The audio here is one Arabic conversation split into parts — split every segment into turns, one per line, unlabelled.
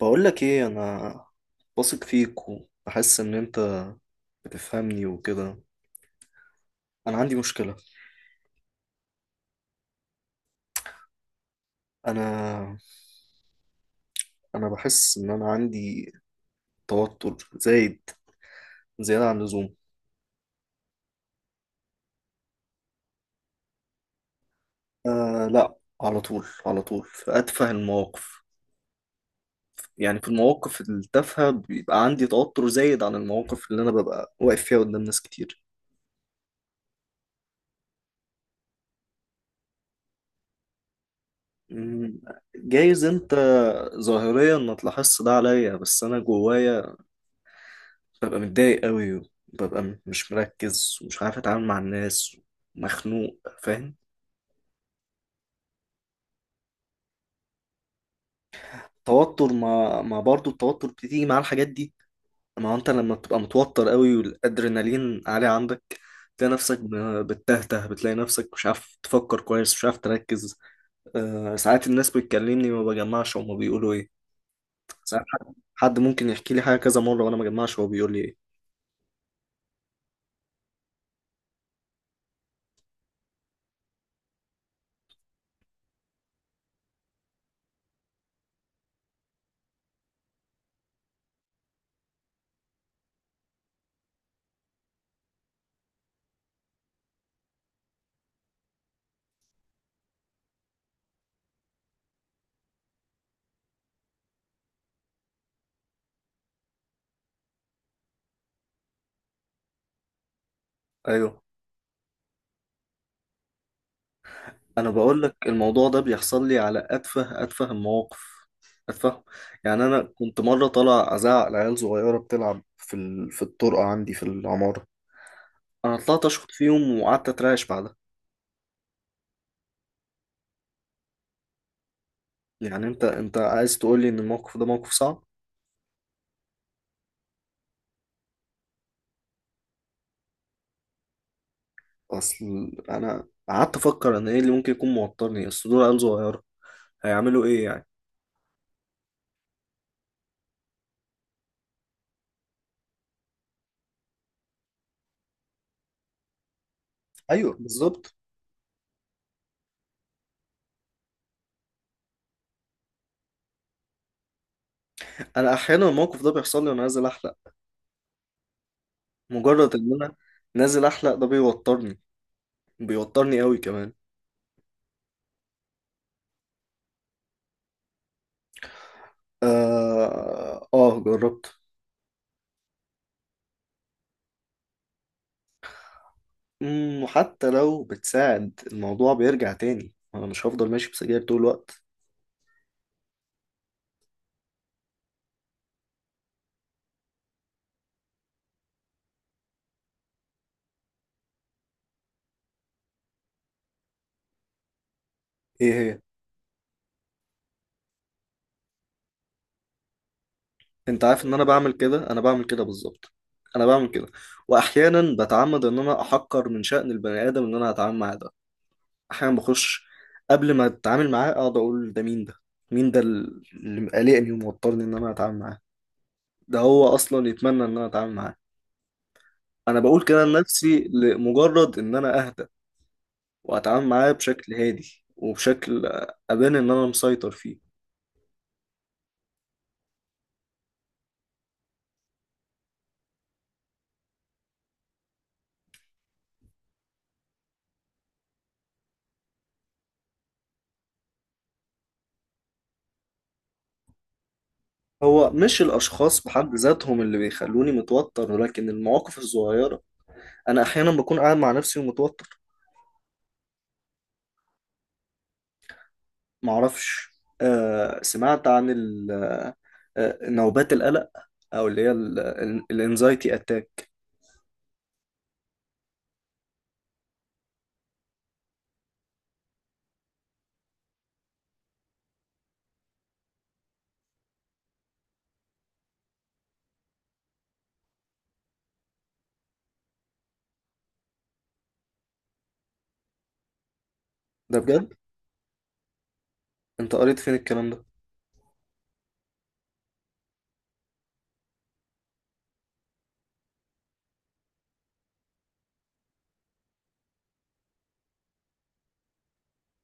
بقول لك ايه، انا واثق فيك وبحس ان انت بتفهمني وكده. انا عندي مشكلة. انا انا بحس ان انا عندي توتر زايد زيادة عن اللزوم. آه لا، على طول على طول في اتفه المواقف. يعني في المواقف التافهة بيبقى عندي توتر زايد عن المواقف اللي انا ببقى واقف فيها قدام ناس كتير. مم، جايز انت ظاهريا ما تلاحظش ده عليا، بس انا جوايا ببقى متضايق قوي، وببقى مش مركز ومش عارف اتعامل مع الناس، مخنوق، فاهم؟ توتر، ما برضه التوتر بتيجي مع الحاجات دي. ما هو انت لما بتبقى متوتر قوي والادرينالين عالي عندك تلاقي نفسك بتتهته، بتلاقي نفسك مش عارف تفكر كويس، مش عارف تركز. آه، ساعات الناس بتكلمني ما بجمعش هما بيقولوا ايه. ساعات حد ممكن يحكي لي حاجة كذا مرة وانا ما بجمعش هو بيقول لي ايه. ايوه، انا بقول لك الموضوع ده بيحصل لي على اتفه اتفه المواقف. اتفه. يعني انا كنت مره طالع ازعق لعيال صغيره بتلعب في الطرقه عندي في العماره. انا طلعت اشخط فيهم وقعدت اترعش بعدها. يعني انت عايز تقول لي ان الموقف ده موقف صعب. اصل انا قعدت افكر ان ايه اللي ممكن يكون موترني، اصل دول عيال صغيره، هيعملوا ايه يعني؟ ايوه بالظبط. انا احيانا الموقف ده بيحصل لي وانا نازل احلق. مجرد ان انا نازل احلق ده بيوترني، بيوترني قوي كمان. آه، آه جربت. وحتى لو بتساعد الموضوع بيرجع تاني، أنا مش هفضل ماشي بسجاير طول الوقت. إيه هي؟ أنت عارف إن أنا بعمل كده، أنا بعمل كده بالظبط. أنا بعمل كده، وأحيانا بتعمد إن أنا أحقر من شأن البني آدم إن أنا أتعامل معاه ده. أحيانا بخش قبل ما أتعامل معاه أقعد أقول ده مين ده؟ مين ده اللي قلقني وموترني إن أنا أتعامل معاه؟ ده هو أصلا يتمنى إن أنا أتعامل معاه. أنا بقول كده لنفسي لمجرد إن أنا أهدى، واتعامل معاه بشكل هادي وبشكل ابان ان انا مسيطر فيه. هو مش الاشخاص بحد ذاتهم اللي بيخلوني متوتر، ولكن المواقف الصغيره. انا احيانا بكون قاعد مع نفسي ومتوتر. معرفش. آه، سمعت عن ال- آه، نوبات القلق، او اللي هي الانزايتي اتاك. ده بجد؟ انت قريت فين الكلام ده؟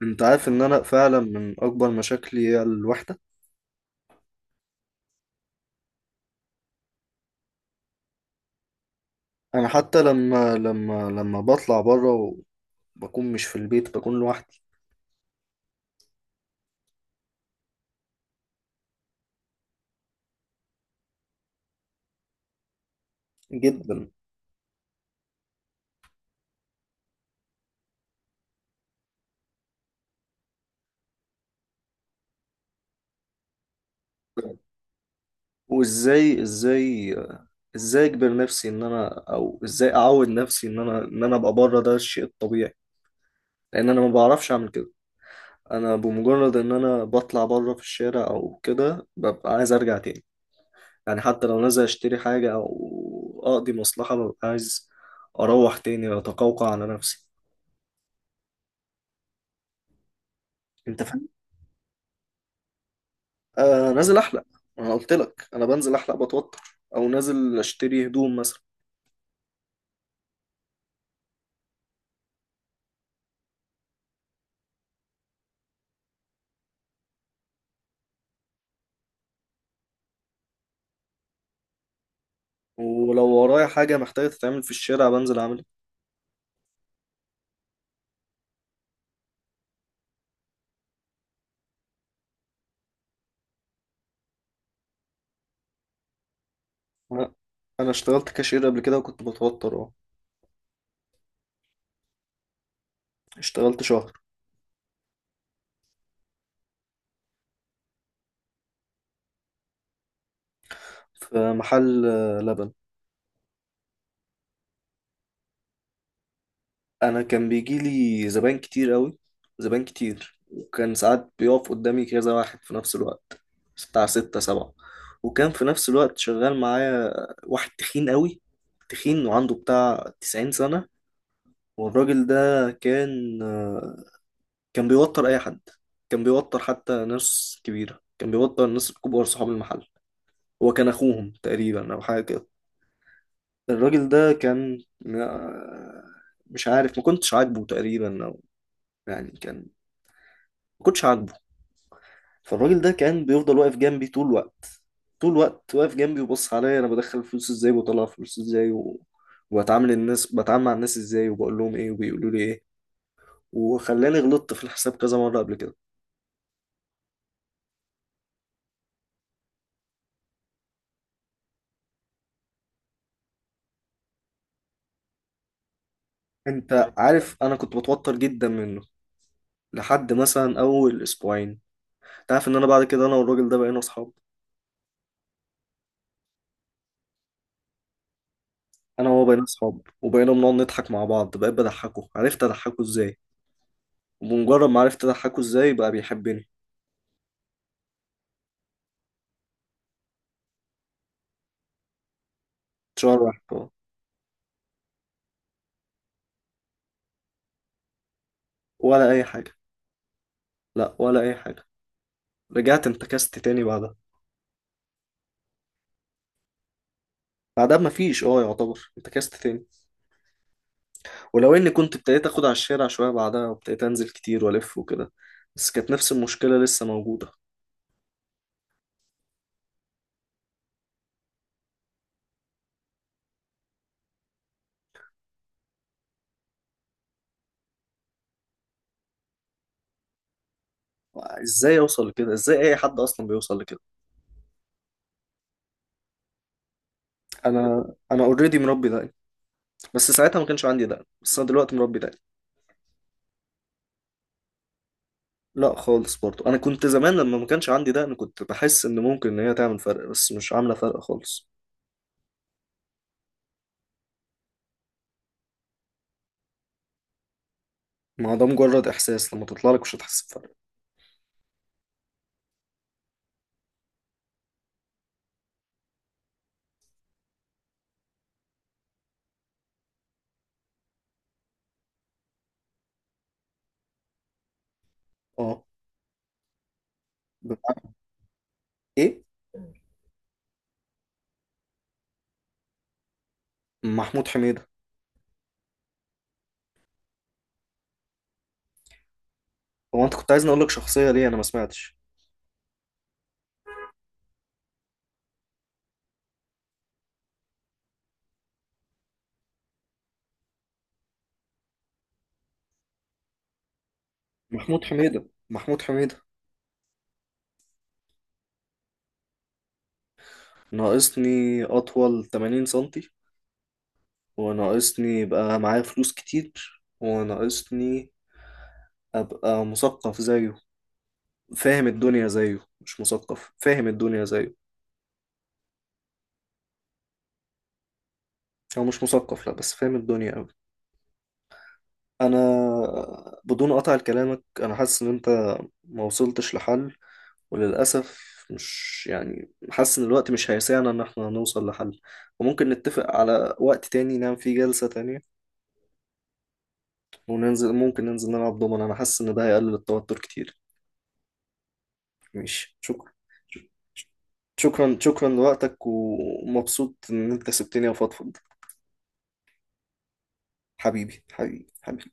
انت عارف ان انا فعلا من اكبر مشاكلي هي الوحده. انا حتى لما بطلع بره وبكون مش في البيت بكون لوحدي، جدا. وازاي، ازاي اجبر نفسي ان انا، او ازاي اعود نفسي ان انا ابقى بره ده الشيء الطبيعي؟ لان انا ما بعرفش اعمل كده. انا بمجرد ان انا بطلع بره في الشارع او كده ببقى عايز ارجع تاني. يعني حتى لو نازل اشتري حاجة او اقضي مصلحة ببقى عايز اروح تاني واتقوقع على نفسي. انت فاهم؟ آه، نازل احلق. انا قلت لك انا بنزل احلق بتوتر. او نازل اشتري هدوم مثلا. ولو ورايا حاجة محتاجة تتعمل في الشارع بنزل اعملها. لا، انا اشتغلت كاشير قبل كده وكنت بتوتر، اه. اشتغلت شهر. في محل لبن. انا كان بيجي لي زباين كتير قوي، زباين كتير، وكان ساعات بيقف قدامي كذا واحد في نفس الوقت، بتاع ستة سبعة. وكان في نفس الوقت شغال معايا واحد تخين قوي، تخين وعنده بتاع 90 سنة. والراجل ده كان، كان بيوتر أي حد. كان بيوتر حتى ناس كبيرة، كان بيوتر الناس الكبار صحاب المحل. هو كان أخوهم تقريبا أو حاجة. الراجل ده كان، آه، مش عارف، ما كنتش عاجبه تقريبا، او يعني كان ما كنتش عاجبه. فالراجل ده كان بيفضل واقف جنبي طول الوقت، طول الوقت واقف جنبي، وبص عليا انا بدخل فلوس ازاي وبطلع فلوس ازاي وبتعامل الناس، بتعامل مع الناس ازاي، وبقول لهم ايه وبيقولوا لي ايه، وخلاني غلطت في الحساب كذا مرة قبل كده. انت عارف انا كنت بتوتر جدا منه لحد مثلا اول اسبوعين. انت عارف ان انا بعد كده انا والراجل ده بقينا اصحاب. انا وهو بقينا اصحاب، وبقينا بنقعد نضحك مع بعض، بقيت بضحكه، عرفت اضحكه ازاي، وبمجرد ما عرفت اضحكه ازاي بقى بيحبني. شهر واحد، اه. ولا اي حاجه. لا، ولا اي حاجه. رجعت انتكست تاني بعدها. بعدها مفيش، اه، يعتبر انتكست تاني. ولو اني كنت ابتديت اخد على الشارع شويه بعدها وابتديت انزل كتير والف وكده، بس كانت نفس المشكله لسه موجوده. ازاي اوصل لكده؟ ازاي اي حد اصلا بيوصل لكده؟ انا اوريدي مربي دقن، بس ساعتها ما كانش عندي دقن، بس انا دلوقتي مربي دقن. لا خالص، برضو انا كنت زمان لما ما كانش عندي ده انا كنت بحس ان ممكن ان هي تعمل فرق، بس مش عامله فرق خالص. ما هو ده مجرد احساس، لما تطلع لك مش هتحس بفرق. اه. بمعنى ايه؟ محمود حميدة. هو انت كنت عايزني اقول لك شخصيه ليه؟ انا ما سمعتش. محمود حميدة، محمود حميدة. ناقصني اطول 80 سنتي، وناقصني يبقى معايا فلوس كتير، وناقصني ابقى مثقف زيه، فاهم الدنيا زيه. مش مثقف، فاهم الدنيا زيه. هو مش مثقف، لا، بس فاهم الدنيا. انا، بدون قطع كلامك، انا حاسس ان انت ما وصلتش لحل، وللاسف، مش يعني، حاسس ان الوقت مش هيسعنا ان احنا نوصل لحل. وممكن نتفق على وقت تاني نعمل فيه جلسة تانية. وننزل، ممكن ننزل نلعب دومنا. انا حاسس ان ده هيقلل التوتر كتير. ماشي، شكرا. شكرا، شكرا لوقتك، ومبسوط ان انت سبتني افضفض. حبيبي حبيبي حبيبي.